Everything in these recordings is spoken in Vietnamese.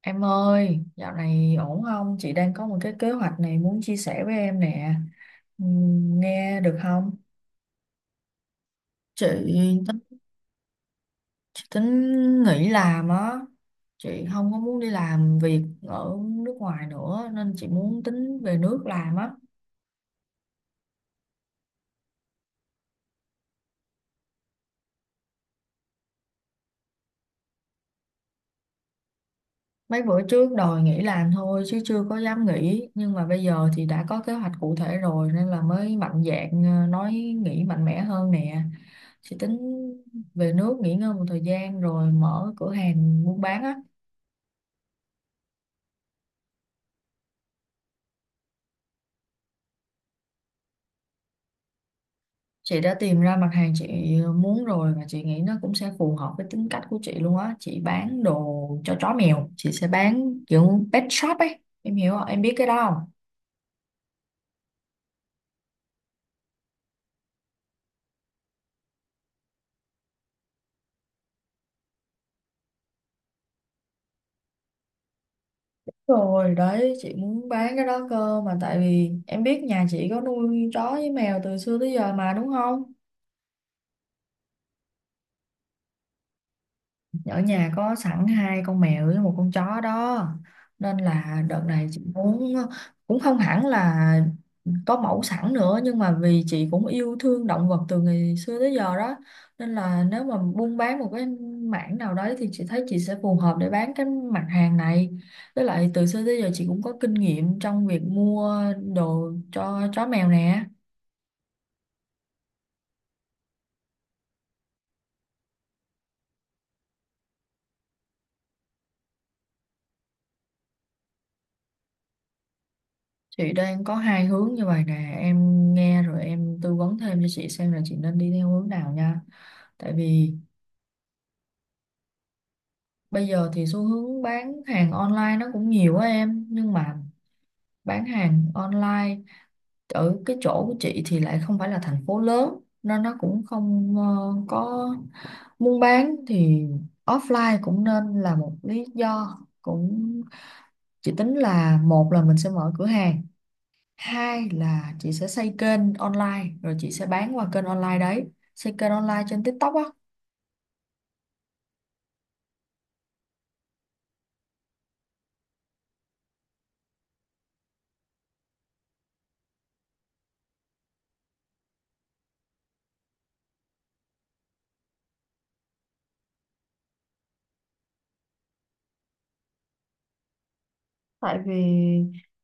Em ơi, dạo này ổn không? Chị đang có một cái kế hoạch này muốn chia sẻ với em nè. Nghe được không? Chị tính, chị tính nghỉ làm á. Chị không có muốn đi làm việc ở nước ngoài nữa nên chị muốn tính về nước làm á. Mấy bữa trước đòi nghỉ làm thôi chứ chưa có dám nghỉ nhưng mà bây giờ thì đã có kế hoạch cụ thể rồi nên là mới mạnh dạn nói nghỉ mạnh mẽ hơn nè. Chị tính về nước nghỉ ngơi một thời gian rồi mở cửa hàng buôn bán á. Chị đã tìm ra mặt hàng chị muốn rồi và chị nghĩ nó cũng sẽ phù hợp với tính cách của chị luôn á. Chị bán đồ cho chó mèo, chị sẽ bán kiểu pet shop ấy, em hiểu không, em biết cái đó không? Rồi đấy, chị muốn bán cái đó cơ, mà tại vì em biết nhà chị có nuôi chó với mèo từ xưa tới giờ mà, đúng không? Ở nhà có sẵn hai con mèo với một con chó đó, nên là đợt này chị muốn cũng không hẳn là có mẫu sẵn nữa, nhưng mà vì chị cũng yêu thương động vật từ ngày xưa tới giờ đó, nên là nếu mà buôn bán một cái mảng nào đấy thì chị thấy chị sẽ phù hợp để bán cái mặt hàng này. Với lại từ xưa tới giờ chị cũng có kinh nghiệm trong việc mua đồ cho chó mèo nè. Chị đang có hai hướng như vậy nè, em nghe rồi em tư vấn thêm cho chị xem là chị nên đi theo hướng nào nha. Tại vì bây giờ thì xu hướng bán hàng online nó cũng nhiều á em, nhưng mà bán hàng online ở cái chỗ của chị thì lại không phải là thành phố lớn nên nó cũng không có buôn bán thì offline cũng nên là một lý do cũng. Chị tính là một là mình sẽ mở cửa hàng, hai là chị sẽ xây kênh online rồi chị sẽ bán qua kênh online đấy, xây kênh online trên TikTok á. Tại vì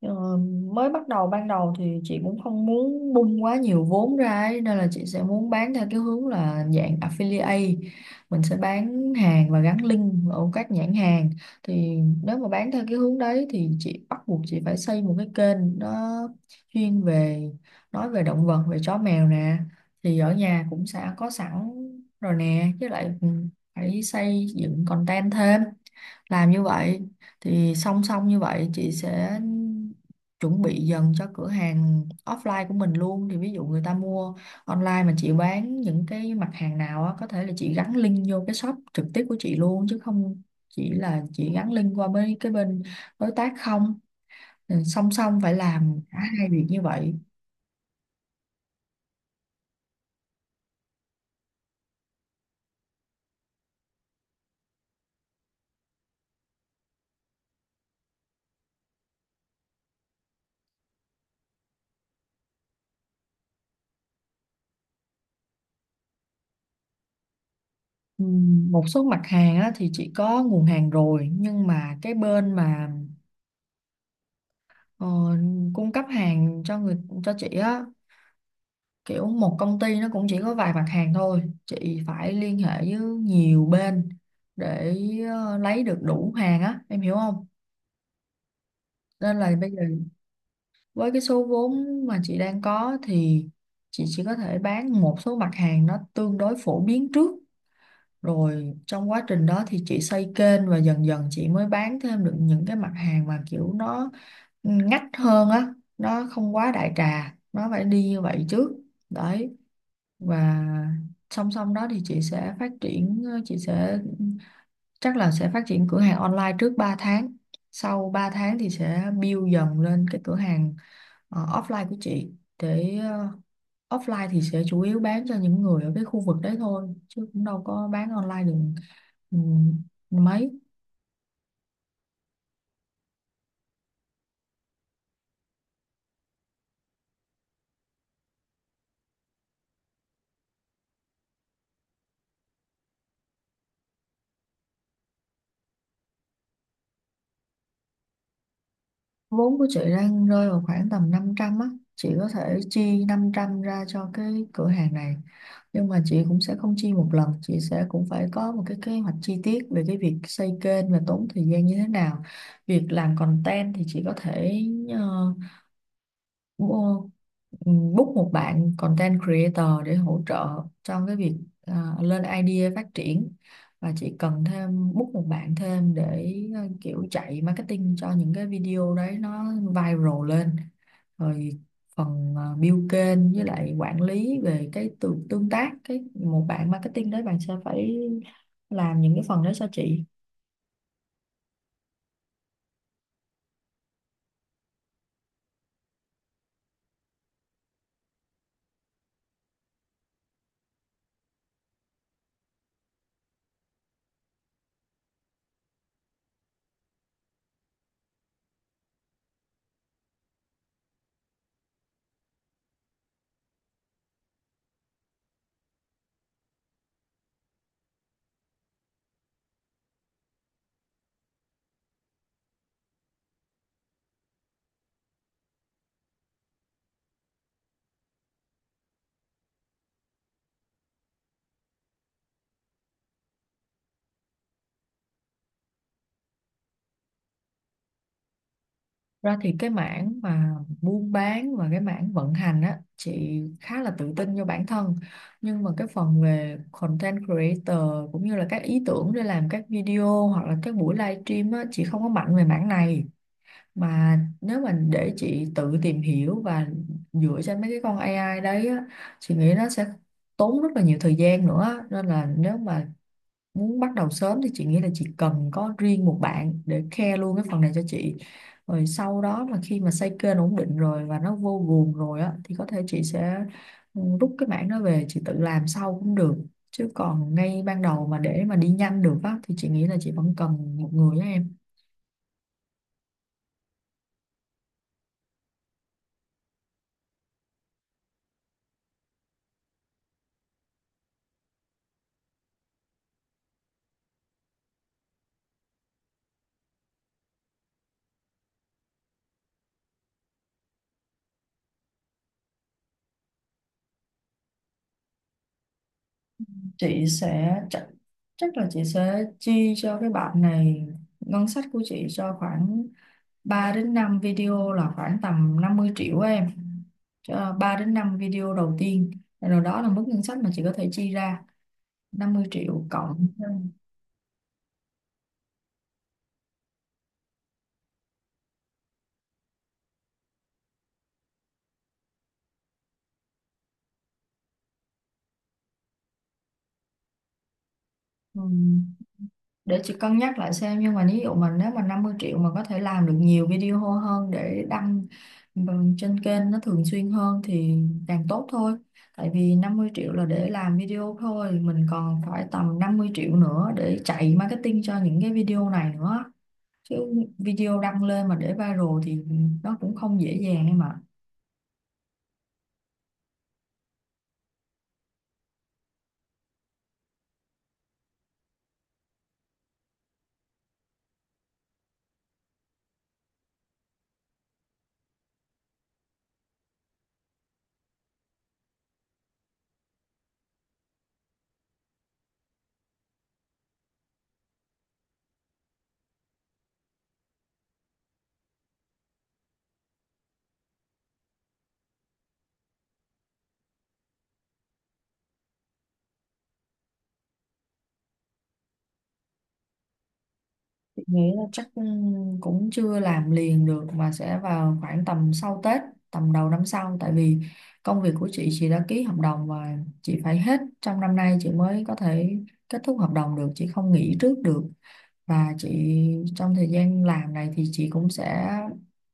ờ, mới bắt đầu ban đầu thì chị cũng không muốn bung quá nhiều vốn ra ấy, nên là chị sẽ muốn bán theo cái hướng là dạng affiliate, mình sẽ bán hàng và gắn link ở các nhãn hàng. Thì nếu mà bán theo cái hướng đấy thì chị bắt buộc chị phải xây một cái kênh nó chuyên về nói về động vật, về chó mèo nè. Thì ở nhà cũng sẽ có sẵn rồi nè, chứ lại phải xây dựng content thêm, làm như vậy. Thì song song như vậy chị sẽ chuẩn bị dần cho cửa hàng offline của mình luôn, thì ví dụ người ta mua online mà chị bán những cái mặt hàng nào á, có thể là chị gắn link vô cái shop trực tiếp của chị luôn chứ không chỉ là chị gắn link qua mấy cái bên đối tác không. Ừ, song song phải làm cả hai việc như vậy. Ừ, một số mặt hàng á, thì chị có nguồn hàng rồi, nhưng mà cái bên mà ờ, cung cấp hàng cho cho chị á, kiểu một công ty nó cũng chỉ có vài mặt hàng thôi, chị phải liên hệ với nhiều bên để lấy được đủ hàng á, em hiểu không? Nên là bây giờ với cái số vốn mà chị đang có thì chị chỉ có thể bán một số mặt hàng nó tương đối phổ biến trước, rồi trong quá trình đó thì chị xây kênh và dần dần chị mới bán thêm được những cái mặt hàng mà kiểu nó ngách hơn á, nó không quá đại trà, nó phải đi như vậy trước đấy. Và song song đó thì chị sẽ phát triển chị sẽ chắc là sẽ phát triển cửa hàng online trước 3 tháng, sau 3 tháng thì sẽ build dần lên cái cửa hàng offline của chị. Để offline thì sẽ chủ yếu bán cho những người ở cái khu vực đấy thôi chứ cũng đâu có bán online được. Ừ, mấy vốn của chị đang rơi vào khoảng tầm 500 á, chị có thể chi 500 ra cho cái cửa hàng này, nhưng mà chị cũng sẽ không chi một lần, chị sẽ cũng phải có một cái kế hoạch chi tiết về cái việc xây kênh và tốn thời gian như thế nào. Việc làm content thì chị có thể ờ, bu- book một bạn content creator để hỗ trợ trong cái việc lên idea phát triển. Và chị cần thêm book một bạn thêm để kiểu chạy marketing cho những cái video đấy nó viral lên, rồi phần build kênh với lại quản lý về cái tương tương tác, cái một bạn marketing đấy bạn sẽ phải làm những cái phần đấy cho chị. Ra thì cái mảng mà buôn bán và cái mảng vận hành á chị khá là tự tin cho bản thân, nhưng mà cái phần về content creator cũng như là các ý tưởng để làm các video hoặc là các buổi livestream á chị không có mạnh về mảng này. Mà nếu mà để chị tự tìm hiểu và dựa trên mấy cái con AI đấy á, chị nghĩ nó sẽ tốn rất là nhiều thời gian nữa, nên là nếu mà muốn bắt đầu sớm thì chị nghĩ là chị cần có riêng một bạn để care luôn cái phần này cho chị. Rồi sau đó mà khi mà xây kênh ổn định rồi và nó vô guồng rồi á thì có thể chị sẽ rút cái mảng đó về chị tự làm sau cũng được, chứ còn ngay ban đầu mà để mà đi nhanh được á thì chị nghĩ là chị vẫn cần một người á em. Chị sẽ chắc là chị sẽ chi cho cái bạn này ngân sách của chị cho khoảng 3 đến 5 video là khoảng tầm 50 triệu á em. 3 đến 5 video đầu tiên, rồi đó là mức ngân sách mà chị có thể chi ra, 50 triệu cộng. Ừ. Để chị cân nhắc lại xem, nhưng mà ví dụ mà nếu mà 50 triệu mà có thể làm được nhiều video hô hơn để đăng trên kênh nó thường xuyên hơn thì càng tốt thôi. Tại vì 50 triệu là để làm video thôi, mình còn phải tầm 50 triệu nữa để chạy marketing cho những cái video này nữa chứ, video đăng lên mà để viral thì nó cũng không dễ dàng em ạ. Nghĩ là chắc cũng chưa làm liền được mà sẽ vào khoảng tầm sau Tết, tầm đầu năm sau. Tại vì công việc của chị đã ký hợp đồng và chị phải hết trong năm nay chị mới có thể kết thúc hợp đồng được, chị không nghỉ trước được. Và chị trong thời gian làm này thì chị cũng sẽ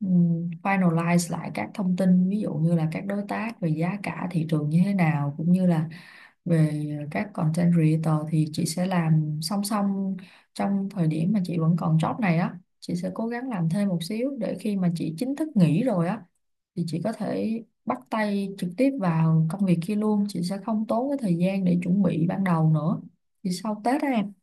finalize lại các thông tin, ví dụ như là các đối tác về giá cả thị trường như thế nào, cũng như là về các content creator thì chị sẽ làm song song. Trong thời điểm mà chị vẫn còn job này á chị sẽ cố gắng làm thêm một xíu để khi mà chị chính thức nghỉ rồi á thì chị có thể bắt tay trực tiếp vào công việc kia luôn, chị sẽ không tốn cái thời gian để chuẩn bị ban đầu nữa. Thì sau Tết đó em.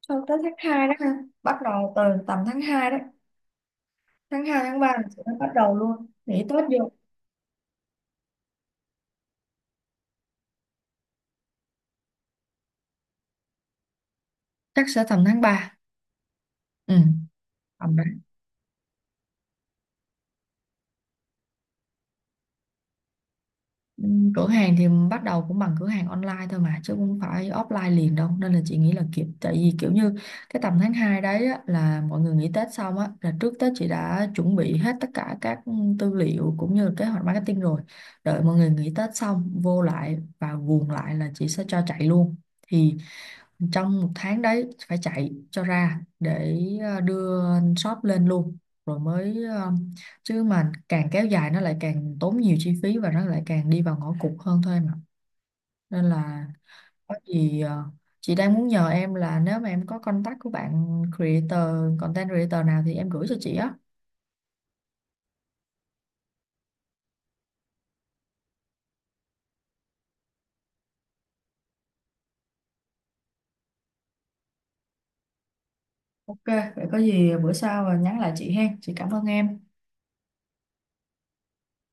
Sau Tết tháng 2 đó ha, bắt đầu từ tầm tháng 2 đó. Tháng 2 tháng 3 là chị mới bắt đầu luôn, nghỉ Tết vô. Chắc sẽ tầm tháng ba. Ừ, tầm. Ừ, cửa hàng thì bắt đầu cũng bằng cửa hàng online thôi mà chứ không phải offline liền đâu, nên là chị nghĩ là kiểu, tại vì kiểu như cái tầm tháng 2 đấy á, là mọi người nghỉ Tết xong á, là trước Tết chị đã chuẩn bị hết tất cả các tư liệu cũng như kế hoạch marketing rồi, đợi mọi người nghỉ Tết xong vô lại và guồng lại là chị sẽ cho chạy luôn. Thì trong 1 tháng đấy phải chạy cho ra để đưa shop lên luôn, rồi mới chứ mà càng kéo dài nó lại càng tốn nhiều chi phí và nó lại càng đi vào ngõ cụt hơn thôi mà, nên là có gì chị đang muốn nhờ em là nếu mà em có contact của bạn creator content creator nào thì em gửi cho chị á. Ok, vậy có gì bữa sau nhắn lại chị hen. Chị cảm ơn em.